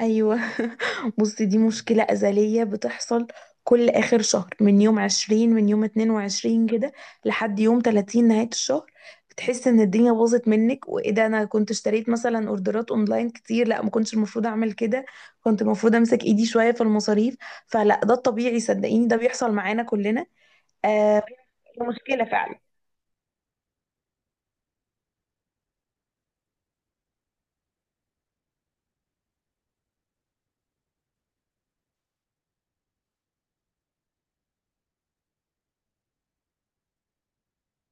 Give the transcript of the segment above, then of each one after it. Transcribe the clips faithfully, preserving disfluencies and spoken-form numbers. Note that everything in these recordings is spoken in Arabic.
ايوه. بصي، دي مشكلة أزلية بتحصل كل آخر شهر، من يوم عشرين، من يوم اتنين وعشرين كده لحد يوم تلاتين نهاية الشهر. بتحس إن الدنيا باظت منك، وإيه ده، أنا كنت اشتريت مثلا أوردرات أونلاين كتير، لا ما كنتش المفروض أعمل كده، كنت المفروض أمسك إيدي شوية في المصاريف. فلا، ده الطبيعي، صدقيني ده بيحصل معانا كلنا. آه مشكلة فعلا.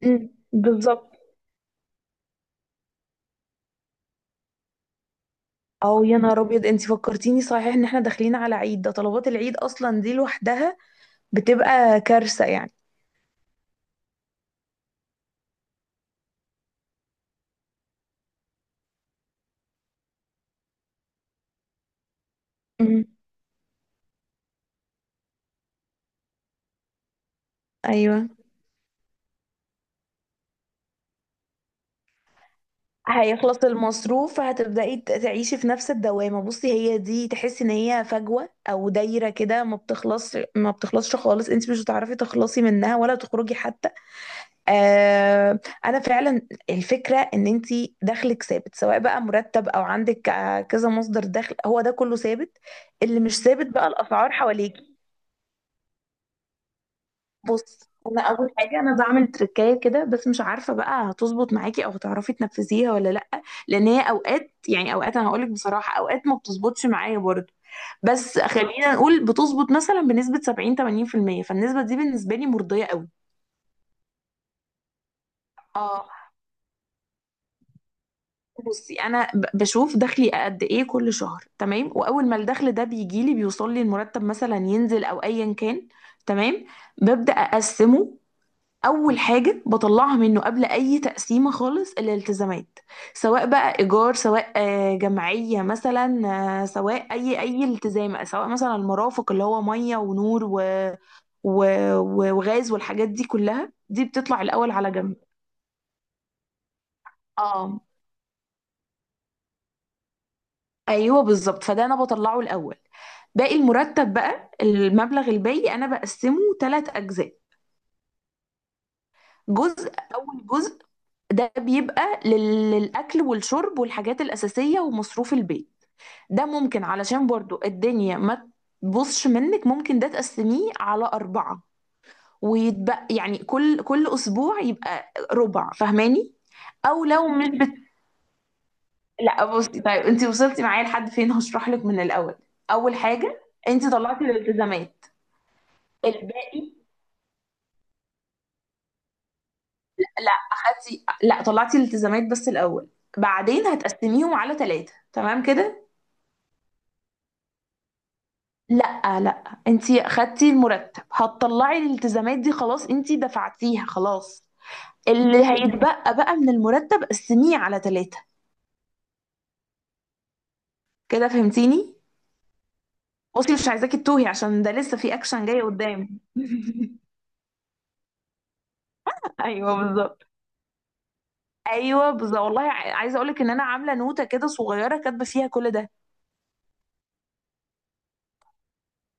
أمم، بالظبط. او يا نهار ابيض، انت فكرتيني، صحيح ان احنا داخلين على عيد، ده طلبات العيد اصلا دي لوحدها بتبقى كارثة يعني. امم، ايوه. هيخلص المصروف، فهتبدأي ت- تعيشي في نفس الدوامة. بصي، هي دي، تحسي ان هي فجوة او دايرة كده، ما بتخلص، ما بتخلصش خالص، انت مش هتعرفي تخلصي منها ولا تخرجي حتى. آه. انا فعلا. الفكرة ان انت دخلك ثابت، سواء بقى مرتب او عندك آه، كذا مصدر دخل، هو ده كله ثابت. اللي مش ثابت بقى الاسعار حواليكي. بص، انا اول حاجه انا بعمل تركايه كده، بس مش عارفه بقى هتظبط معاكي او هتعرفي تنفذيها ولا لا، لان هي اوقات، يعني اوقات انا هقولك بصراحه اوقات ما بتظبطش معايا برضه. بس خلينا نقول بتظبط مثلا بنسبه سبعين ثمانين في المية، فالنسبه دي بالنسبه لي مرضيه قوي. اه. بصي انا ب- بشوف دخلي قد ايه كل شهر، تمام، واول ما الدخل ده بيجي لي، بيوصل لي المرتب مثلا، ينزل او ايا كان، تمام، ببدا اقسمه. اول حاجه بطلعها منه قبل اي تقسيمه خالص، الالتزامات، سواء بقى ايجار، سواء آه، جمعيه مثلا، آه، سواء اي اي التزام، سواء مثلا المرافق اللي هو ميه ونور و... و... و- وغاز والحاجات دي كلها، دي بتطلع الاول على جنب. اه ايوه بالظبط، فده انا بطلعه الاول. باقي المرتب بقى، المبلغ الباقي انا بقسمه ثلاث اجزاء. جزء، أول جزء ده بيبقى لل- للأكل والشرب والحاجات الأساسية ومصروف البيت. ده ممكن، علشان برضو الدنيا ما تبصش منك، ممكن ده تقسميه على أربعة، ويتبقى يعني كل كل أسبوع يبقى ربع، فاهماني؟ أو لو مش بت... لا بصي، طيب أنت وصلتي معايا لحد فين؟ هشرح لك من الأول. أول حاجة، أنت طلعتي الالتزامات. الباقي، لا اخدتي، لا طلعتي الالتزامات بس الاول، بعدين هتقسميهم على ثلاثة، تمام كده؟ لا لا، انتي اخدتي المرتب، هتطلعي الالتزامات دي خلاص انتي دفعتيها خلاص، اللي هيتبقى بقى من المرتب قسميه على ثلاثة، كده فهمتيني؟ بصي مش عايزاكي تتوهي، عشان ده لسه في اكشن جاي قدام. ايوه بالظبط. ايوه بالظبط، والله ع- عايزه اقولك ان انا عامله نوته كده صغيره كاتبه فيها كل ده.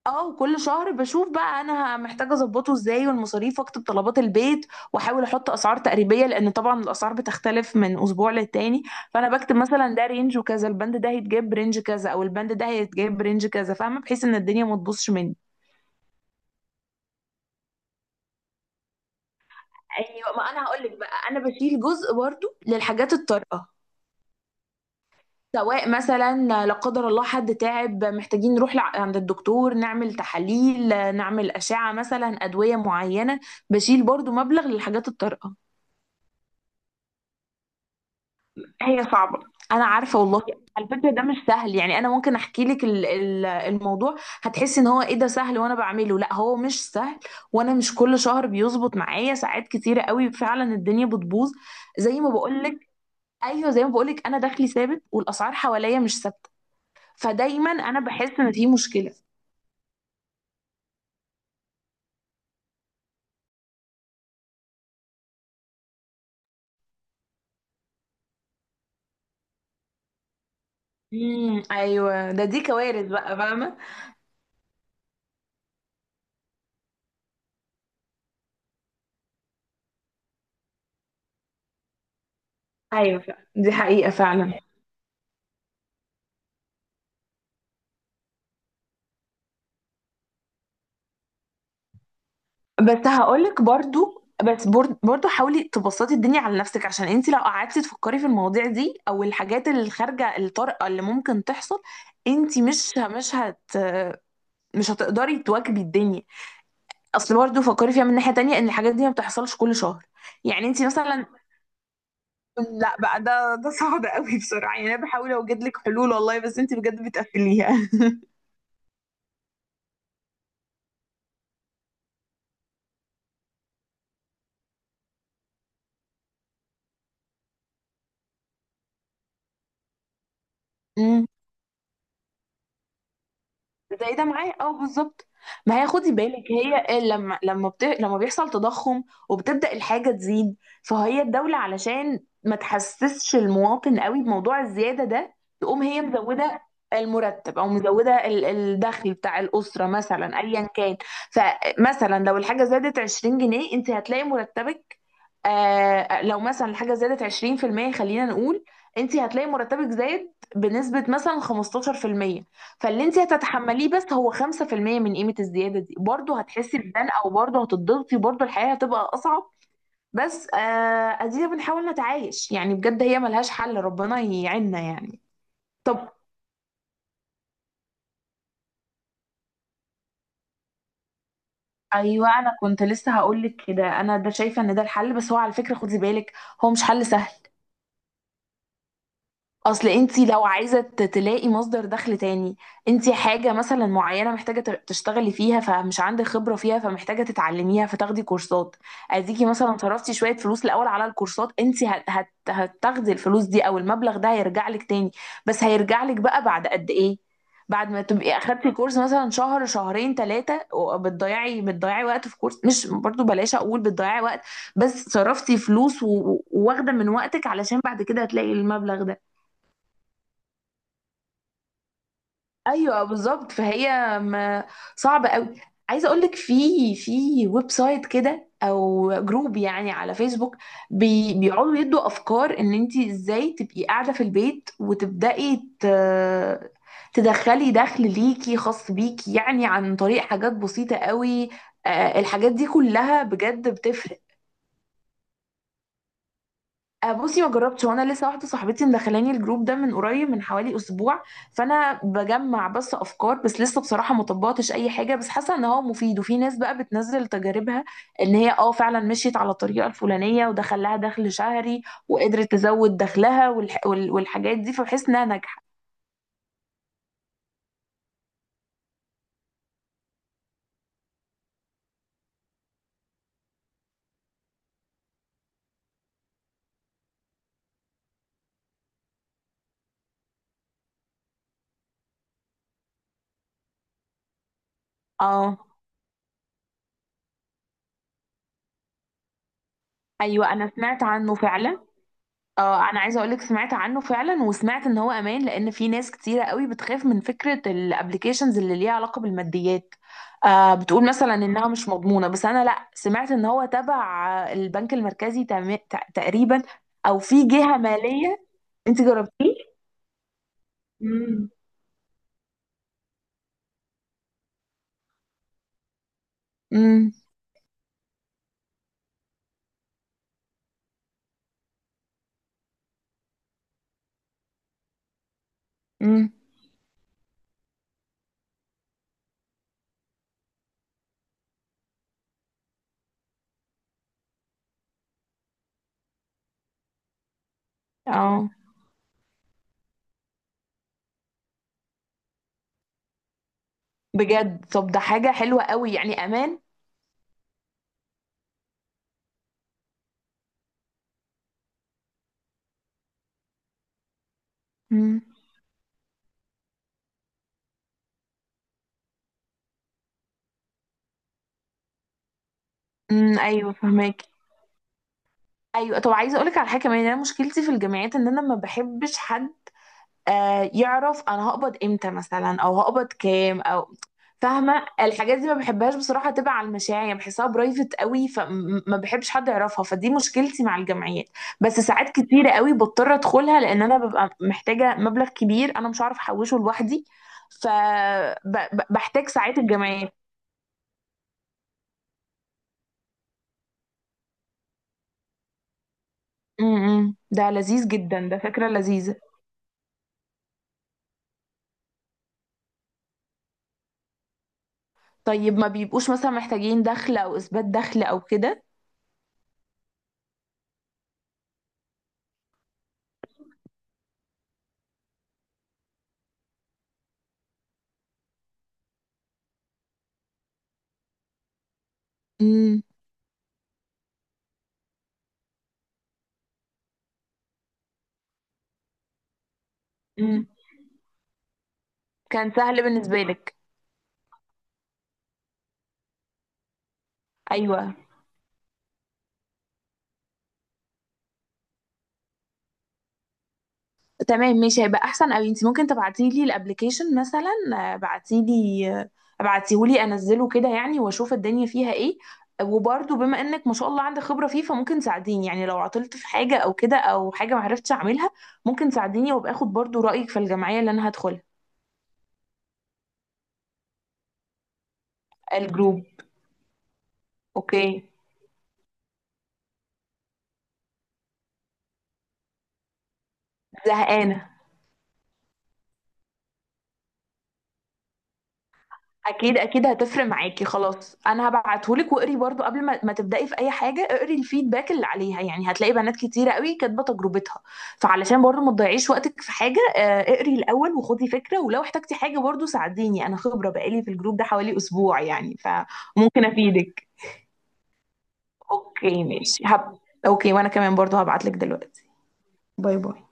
اه، وكل شهر بشوف بقى انا ه- محتاجه اظبطه ازاي، والمصاريف، واكتب طلبات البيت، واحاول احط اسعار تقريبيه، لان طبعا الاسعار بتختلف من اسبوع للتاني. فانا بكتب مثلا ده رينج وكذا، البند ده هيتجاب رينج كذا، او البند ده هيتجاب رينج كذا، فاهمه، بحيث ان الدنيا ما تبوظش مني. ايوه، ما انا هقول لك بقى، انا بشيل جزء برضو للحاجات الطارئه، سواء مثلا لا قدر الله حد تعب محتاجين نروح لع- عند الدكتور نعمل تحاليل، نعمل اشعه مثلا، ادويه معينه، بشيل برضو مبلغ للحاجات الطارئه. هي صعبة، انا عارفه والله. على فكره ده مش سهل، يعني انا ممكن احكي لك ال- ال- الموضوع، هتحسي ان هو ايه ده سهل وانا بعمله، لا هو مش سهل، وانا مش كل شهر بيظبط معايا، ساعات كتيره قوي فعلا الدنيا بتبوظ. زي ما بقول لك. ايوه زي ما بقول لك، انا دخلي ثابت والاسعار حواليا مش ثابته، فدايما انا بحس ان في مشكله. امم ايوه ده، دي كوارث بقى، فاهمه. ايوه فعلا دي حقيقه فعلا. بس هقولك برضو بس بر- برضو حاولي تبسطي الدنيا على نفسك، عشان انت لو قعدتي تفكري في المواضيع دي او الحاجات اللي خارجه الطارئه اللي ممكن تحصل، انت مش مش هت مش هتقدري تواكبي الدنيا. اصل برضو فكري فيها من ناحيه تانية، ان الحاجات دي ما بتحصلش كل شهر، يعني انت مثلا، لا بقى ده ده صعب قوي بسرعه، يعني انا بحاول اوجد لك حلول والله، بس انت بجد بتقفليها. زي ده معايا، اه بالظبط. ما هي خدي بالك، هي لما لما بت... لما بيحصل تضخم وبتبدأ الحاجة تزيد، فهي الدولة علشان ما تحسسش المواطن قوي بموضوع الزيادة ده، تقوم هي مزودة المرتب، او مزودة ال- الدخل بتاع الأسرة مثلا، ايا كان. فمثلا لو الحاجة زادت عشرين جنيه انت هتلاقي مرتبك، آه لو مثلا الحاجة زادت عشرين في المية خلينا نقول، انت هتلاقي مرتبك زاد بنسبة مثلا خمسة عشر في المية، فاللي انت هتتحمليه بس هو خمسة في المية من قيمة الزيادة دي، برضه هتحسي بدان، او برضه هتضغطي، برضه الحياة هتبقى اصعب. بس آه ادينا بنحاول نتعايش يعني، بجد هي ملهاش حل، ربنا يعيننا يعني. طب. ايوه انا كنت لسه هقولك كده، انا ده شايفه ان ده الحل، بس هو على فكره خدي بالك هو مش حل سهل. اصل انتي لو عايزه ت- تلاقي مصدر دخل تاني، انتي حاجه مثلا معينه محتاجه ت- تشتغلي فيها، فمش عندك خبره فيها، فمحتاجه تتعلميها فتاخدي كورسات، اديكي مثلا صرفتي شويه فلوس الاول على الكورسات، انتي هت- هت- هتاخدي الفلوس دي، او المبلغ ده هيرجع لك تاني، بس هيرجع لك بقى بعد قد ايه؟ بعد ما تبقي اخدتي كورس مثلا شهر شهرين ثلاثه، بتضيعي بتضيعي وقت في كورس، مش برضو بلاش اقول بتضيعي وقت، بس صرفتي فلوس و- و- وواخده من وقتك علشان بعد كده هتلاقي المبلغ ده. ايوه بالظبط، فهي ما صعبه قوي. عايزه اقول لك في في ويب سايت كده او جروب يعني على فيسبوك بي بيقعدوا يدوا افكار ان انت ازاي تبقي قاعده في البيت وتبداي ت... تدخلي دخل ليكي خاص بيكي، يعني عن طريق حاجات بسيطه قوي، آه، الحاجات دي كلها بجد بتفرق. آه، بصي ما جربتش، وانا لسه واحده صاحبتي مدخلاني الجروب ده من قريب، من حوالي اسبوع، فانا بجمع بس افكار، بس لسه بصراحه ما طبقتش اي حاجه، بس حاسه ان هو مفيد، وفي ناس بقى بتنزل تجاربها، ان هي اه فعلا مشيت على الطريقه الفلانيه ودخل لها دخل شهري، وقدرت تزود دخلها والح... وال... والحاجات دي، فبحس انها ناجحه. اه. ايوه انا سمعت عنه فعلا. اه انا عايزه اقولك سمعت عنه فعلا، وسمعت ان هو امان، لان في ناس كتيره قوي بتخاف من فكره الابليكيشنز اللي ليها علاقه بالماديات، آه بتقول مثلا انها مش مضمونه، بس انا لا سمعت ان هو تبع آه، البنك المركزي تم- ت- تقريبا، او في جهه ماليه. انت جربتيه؟ مم. امم. امم. اه. بجد؟ طب ده حاجه حلوه قوي يعني، امان. امم. امم ايوه فهماكي. ايوه طب عايزه اقولك على حاجه كمان، انا مشكلتي في الجامعات ان انا ما بحبش حد آه يعرف انا هقبض امتى مثلا، او هقبض كام، او فاهمه، الحاجات دي ما بحبهاش بصراحه، تبع على المشاريع بحسها برايفت قوي، فما بحبش حد يعرفها، فدي مشكلتي مع الجمعيات. بس ساعات كتيره قوي بضطر ادخلها، لان انا ببقى محتاجه مبلغ كبير انا مش عارف احوشه لوحدي، فبحتاج ساعات الجمعيات. امم. إمم. ده لذيذ جدا، ده فكره لذيذه. طيب ما بيبقوش مثلا محتاجين دخل او اثبات دخل او كده؟ امم. امم. كان سهل بالنسبه لك. ايوه تمام ماشي هيبقى احسن قوي، انت ممكن تبعتي لي الابلكيشن مثلا؟ ابعتي لي، ابعتيه لي انزله كده يعني واشوف الدنيا فيها ايه، وبرضه بما انك ما شاء الله عندك خبرة فيه، فممكن تساعديني، يعني لو عطلت في حاجة او كده، او حاجة ما عرفتش اعملها ممكن تساعديني، وابقى اخد برضه رأيك في الجمعية اللي انا هدخلها. الجروب. اوكي. زهقانة. اكيد اكيد هتفرق معاكي، خلاص انا هبعتهولك، واقري برضو قبل ما, ما تبدأي في اي حاجة اقري الفيدباك اللي عليها، يعني هتلاقي بنات كتيرة قوي كاتبة تجربتها، فعلشان برضو ما تضيعيش وقتك في حاجة، آه، اقري الاول وخدي فكرة، ولو احتجتي حاجة برضو ساعديني، انا خبرة بقالي في الجروب ده حوالي اسبوع يعني، فممكن افيدك. اوكي ماشي هب... اوكي، وانا كمان برضو هبعتلك دلوقتي. باي باي.